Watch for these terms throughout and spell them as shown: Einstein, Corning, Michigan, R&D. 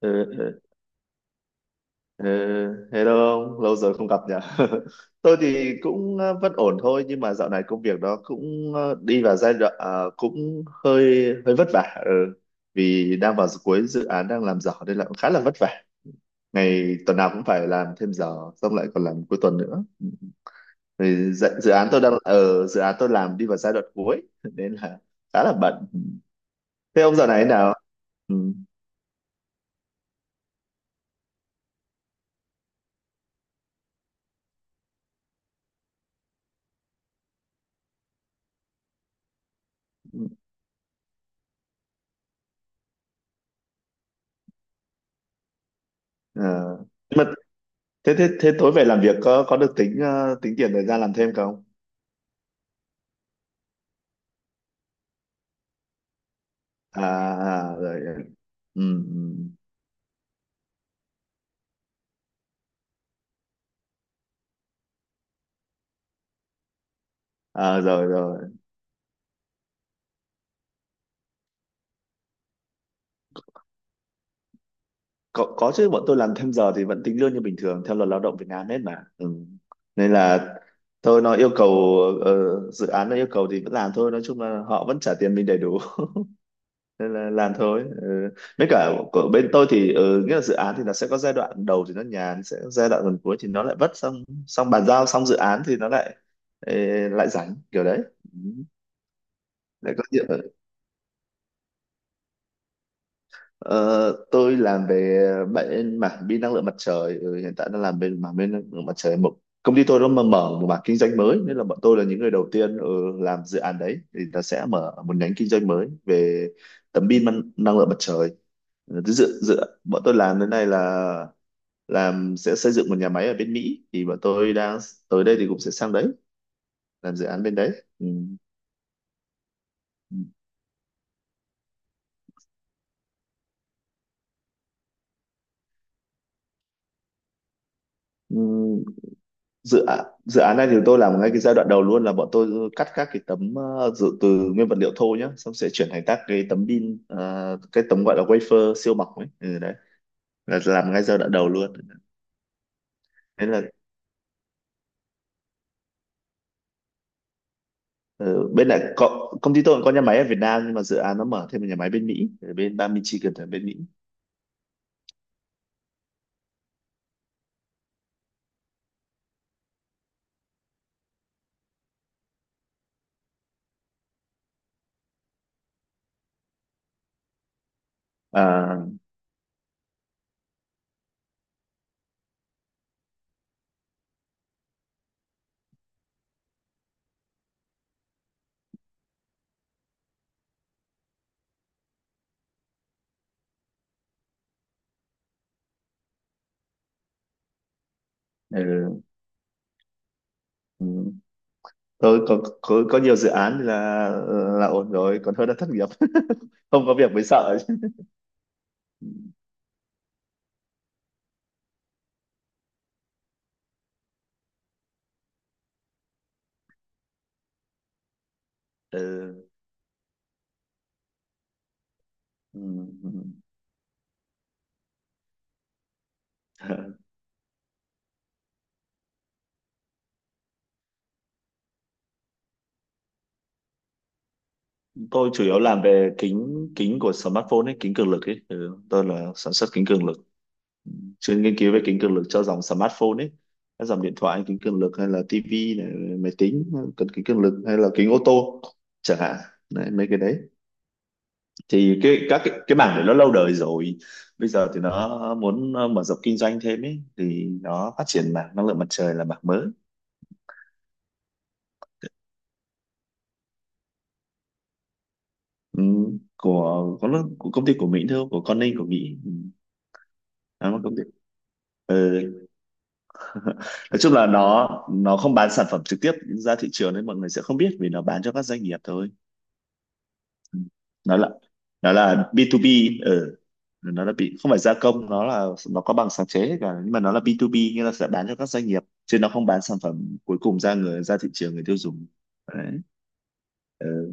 Ừ, ừ, ừ. Hello ông, lâu rồi không gặp nhỉ? Tôi thì cũng vẫn ổn thôi nhưng mà dạo này công việc nó cũng đi vào giai đoạn cũng hơi hơi vất vả, ừ. Vì đang vào cuối dự án đang làm giỏ nên là cũng khá là vất vả. Ngày tuần nào cũng phải làm thêm giờ xong lại còn làm cuối tuần nữa. Thì dự án tôi đang ở dự án tôi làm đi vào giai đoạn cuối nên là khá là bận. Thế ông dạo này thế nào? Ừ, ừ. Ờ. Nhưng mà thế thế thế tối về làm việc có được tính tính tiền thời gian làm thêm không? À, à à, rồi, ừ, ừ. À, rồi rồi. Có chứ, bọn tôi làm thêm giờ thì vẫn tính lương như bình thường theo luật lao động Việt Nam hết mà, ừ. Nên là thôi nó yêu cầu, ờ, dự án nó yêu cầu thì vẫn làm thôi, nói chung là họ vẫn trả tiền mình đầy đủ. Nên là làm thôi, ừ. Với cả của bên tôi thì nghĩa là dự án thì nó sẽ có giai đoạn đầu thì nó nhàn, sẽ có giai đoạn gần cuối thì nó lại vất, xong xong bàn giao xong dự án thì nó ê, lại rảnh kiểu đấy. Ừ. Để có chuyện. Ờ, tôi làm về bên mảng pin năng lượng mặt trời, hiện tại đang làm bên mảng pin năng lượng mặt trời, một công ty tôi nó mà mở một mảng kinh doanh mới nên là bọn tôi là những người đầu tiên làm dự án đấy, thì nó sẽ mở một nhánh kinh doanh mới về tấm pin năng lượng mặt trời. Ừ, Thứ dự dự Bọn tôi làm đến nay là làm sẽ xây dựng một nhà máy ở bên Mỹ, thì bọn tôi đang tới đây thì cũng sẽ sang đấy làm dự án bên đấy, ừ. Ừ. Ừ. Dự án này thì tôi làm ngay cái giai đoạn đầu luôn, là bọn tôi cắt các cái tấm, ờ, dự từ nguyên vật liệu thô nhá, xong sẽ chuyển thành các cái tấm pin, cái tấm gọi là wafer siêu mỏng ấy, ừ, đấy là làm ngay giai đoạn đầu luôn, thế là ờ, bên này có, công ty tôi cũng có nhà máy ở Việt Nam nhưng mà dự án nó mở thêm một nhà máy bên Mỹ, ở bên bang Michigan ở bên Mỹ. À, ừ, ừ. Tôi có, có nhiều dự án, là ổn rồi còn hơn là thất nghiệp. Không có việc mới sợ chứ. Ừ. Ừ, ừ. Tôi chủ yếu làm về kính kính của smartphone ấy, kính cường lực ấy, tôi là sản xuất kính cường lực, chuyên nghiên cứu về kính cường lực cho dòng smartphone ấy, các dòng điện thoại kính cường lực hay là tivi này, máy tính cần kính cường lực, hay là kính ô tô chẳng hạn, đấy, mấy cái đấy. Thì cái mảng đấy nó lâu đời rồi, bây giờ thì nó muốn mở rộng kinh doanh thêm ấy thì nó phát triển mảng năng lượng mặt trời là mảng mới. Ừ, của công ty của Mỹ thôi, của Corning của Mỹ. Nó là công ty, ừ. Nói chung là nó không bán sản phẩm trực tiếp ra thị trường nên mọi người sẽ không biết vì nó bán cho các doanh nghiệp thôi. Ừ. nó là nó là B2B, ừ. Nó là bị không phải gia công, nó là, nó có bằng sáng chế hết cả nhưng mà nó là B2B, nghĩa là sẽ bán cho các doanh nghiệp chứ nó không bán sản phẩm cuối cùng ra người ra thị trường người tiêu dùng, đấy, ừ.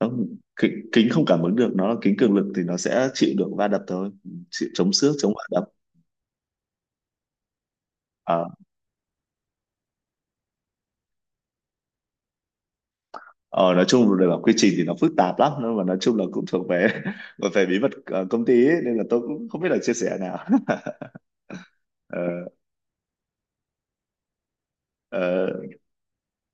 Không, kính không cảm ứng được, nó là kính cường lực thì nó sẽ chịu được va đập thôi, chịu chống xước chống va đập. Ờ, nói chung là quy trình thì nó phức tạp lắm nhưng mà nói chung là cũng thuộc về, về bí mật công ty ấy, nên là tôi cũng không biết là chia sẻ nào. ờ, ờ,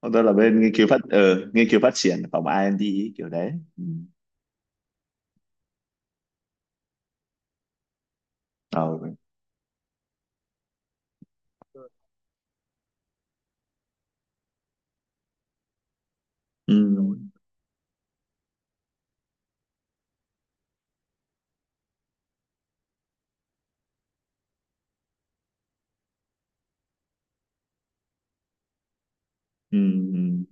Còn tôi là bên nghiên cứu phát, nghiên cứu phát triển, phòng R&D ấy, kiểu đấy. Ừ. Ờ. Ừ. Ừ. Ừ.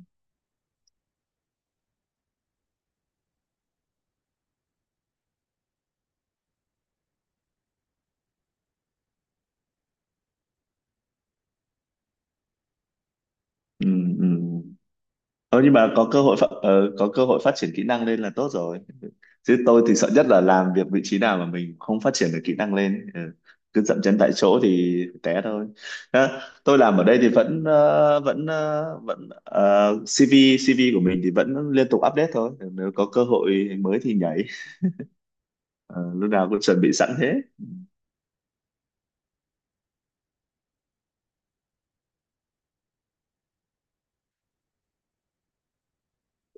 Ừ. Ừ. Ừ. Ờ, nhưng mà có cơ hội phát, có cơ hội phát triển kỹ năng lên là tốt rồi, chứ tôi thì sợ nhất là làm việc vị trí nào mà mình không phát triển được kỹ năng lên, ừ. Cứ dậm chân tại chỗ thì té thôi. Đó, tôi làm ở đây thì vẫn CV CV của mình thì vẫn liên tục update thôi, nếu có cơ hội mới thì nhảy. Ờ, lúc nào cũng chuẩn bị sẵn thế.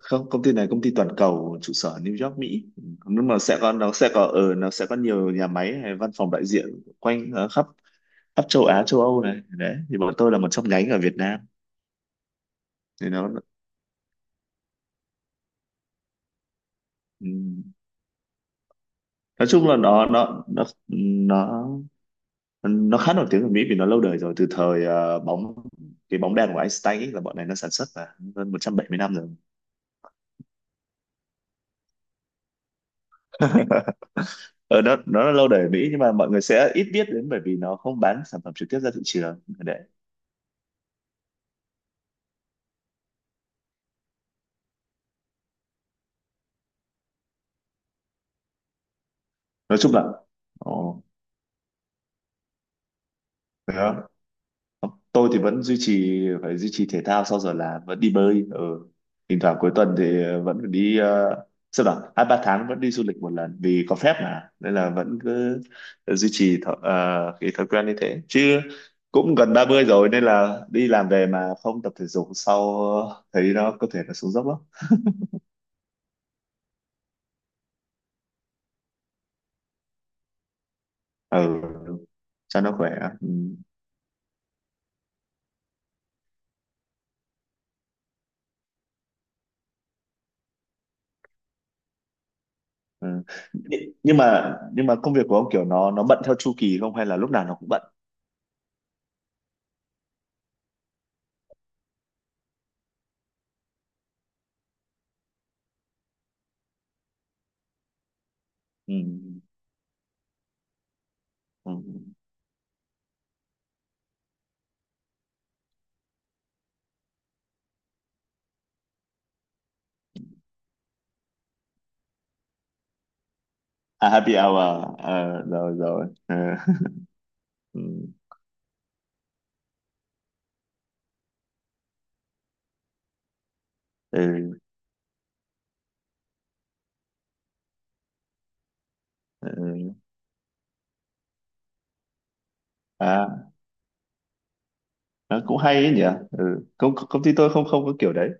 Không, công ty này công ty toàn cầu, trụ sở New York Mỹ. Ừ, nhưng mà sẽ có, nó sẽ có nhiều nhà máy hay văn phòng đại diện quanh, khắp khắp châu Á châu Âu này đấy, thì bọn tôi là một trong nhánh ở Việt Nam thì nó, ừ. Nói chung là nó nó khá nổi tiếng ở Mỹ vì nó lâu đời rồi, từ thời ờ, bóng cái bóng đèn của Einstein ấy, là bọn này nó sản xuất là hơn 170 năm rồi. Ờ, nó là lâu đời ở Mỹ nhưng mà mọi người sẽ ít biết đến bởi vì nó không bán sản phẩm trực tiếp ra thị trường để, nói chung là, ồ. Tôi thì vẫn duy trì, phải duy trì thể thao, sau giờ làm vẫn đi bơi, ừ. Thỉnh thoảng cuối tuần thì vẫn phải đi, sao bảo 2-3 tháng vẫn đi du lịch một lần, vì có phép mà nên là vẫn cứ duy trì thói, cái thói quen như thế, chứ cũng gần 30 rồi nên là đi làm về mà không tập thể dục sau thấy nó có thể là xuống dốc lắm. Ừ, cho nó khỏe, ừ. Ừ. Nhưng mà công việc của ông kiểu nó bận theo chu kỳ không hay là lúc nào nó cũng bận? Ừ. Ừ. Ừ. À, happy hour. Ờ, rồi rồi. Ờ, ừ, ừ, ừ. À, nó cũng hay ấy nhỉ. Ừ. công công ty tôi không không có kiểu đấy,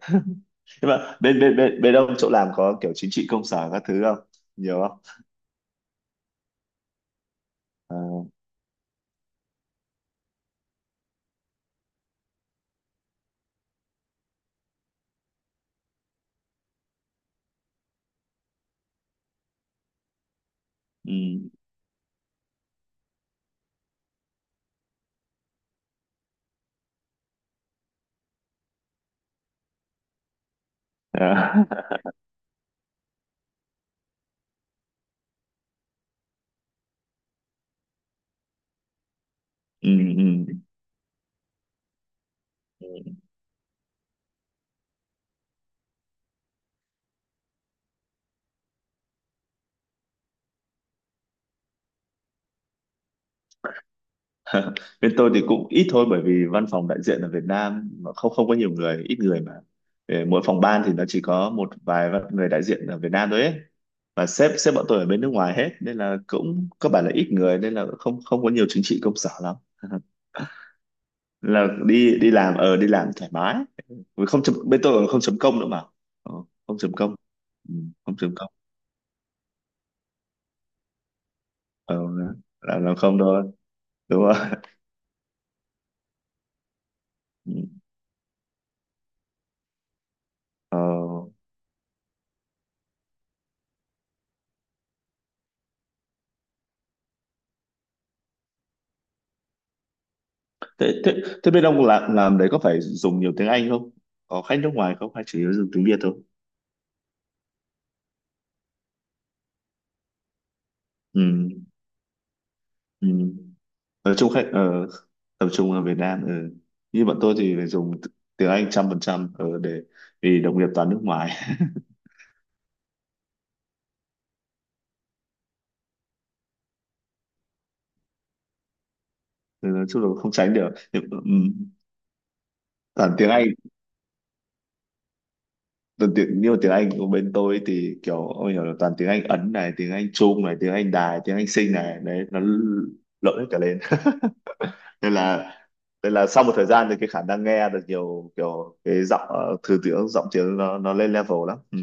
nhưng mà bên bên bên bên ông chỗ làm có kiểu chính trị công sở các thứ không, nhiều không? Ờ, ừ. À, ừ, ừ. Bên tôi thì cũng ít thôi bởi vì văn phòng đại diện ở Việt Nam mà không không có nhiều người, ít người mà. Ờ, mỗi phòng ban thì nó chỉ có một vài người đại diện ở Việt Nam thôi ấy, và sếp sếp bọn tôi ở bên nước ngoài hết nên là cũng cơ bản là ít người nên là không không có nhiều chính trị công sở lắm. Là đi đi làm ở đi làm thoải mái. Vì không chấm, bên tôi còn không chấm công nữa mà. Ờ, không chấm công, ừ, không chấm công ờ, làm không thôi, đúng rồi. Ừ. Ờ, thế thế thế bên ông làm đấy có phải dùng nhiều tiếng Anh không, có khách nước ngoài không hay chủ yếu dùng tiếng Việt thôi? Ừ, ừ, ở chung khách ở tập trung ở Việt Nam, ừ. Như bọn tôi thì phải dùng tiếng Anh 100% ở để, vì đồng nghiệp toàn nước ngoài. Ừ, nói chung là không tránh được. Ừ. Toàn tiếng Anh, toàn tiếng nhưng mà tiếng Anh của bên tôi thì kiểu ông hiểu là toàn tiếng Anh Ấn này, tiếng Anh Trung này, tiếng Anh Đài, tiếng Anh Sinh này đấy, nó lộn hết cả lên, nên là sau một thời gian thì cái khả năng nghe được nhiều kiểu cái giọng, thứ tiếng giọng tiếng nó lên level lắm, ừ.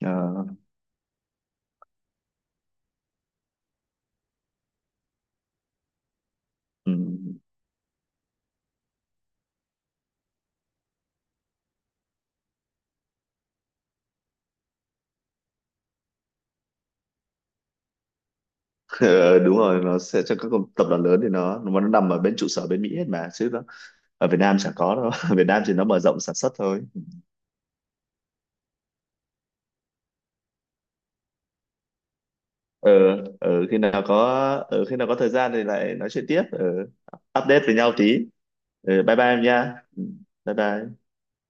Ờ, ừ. Đúng rồi, nó sẽ cho các tập đoàn lớn thì nó nằm ở bên trụ sở bên Mỹ hết mà chứ nó ở Việt Nam chẳng có đâu. Ở Việt Nam thì nó mở rộng sản xuất thôi. Ờ, ừ, khi nào có thời gian thì lại nói chuyện tiếp, ừ. Update với nhau tí, ừ, bye bye em nha. Ừ, bye bye.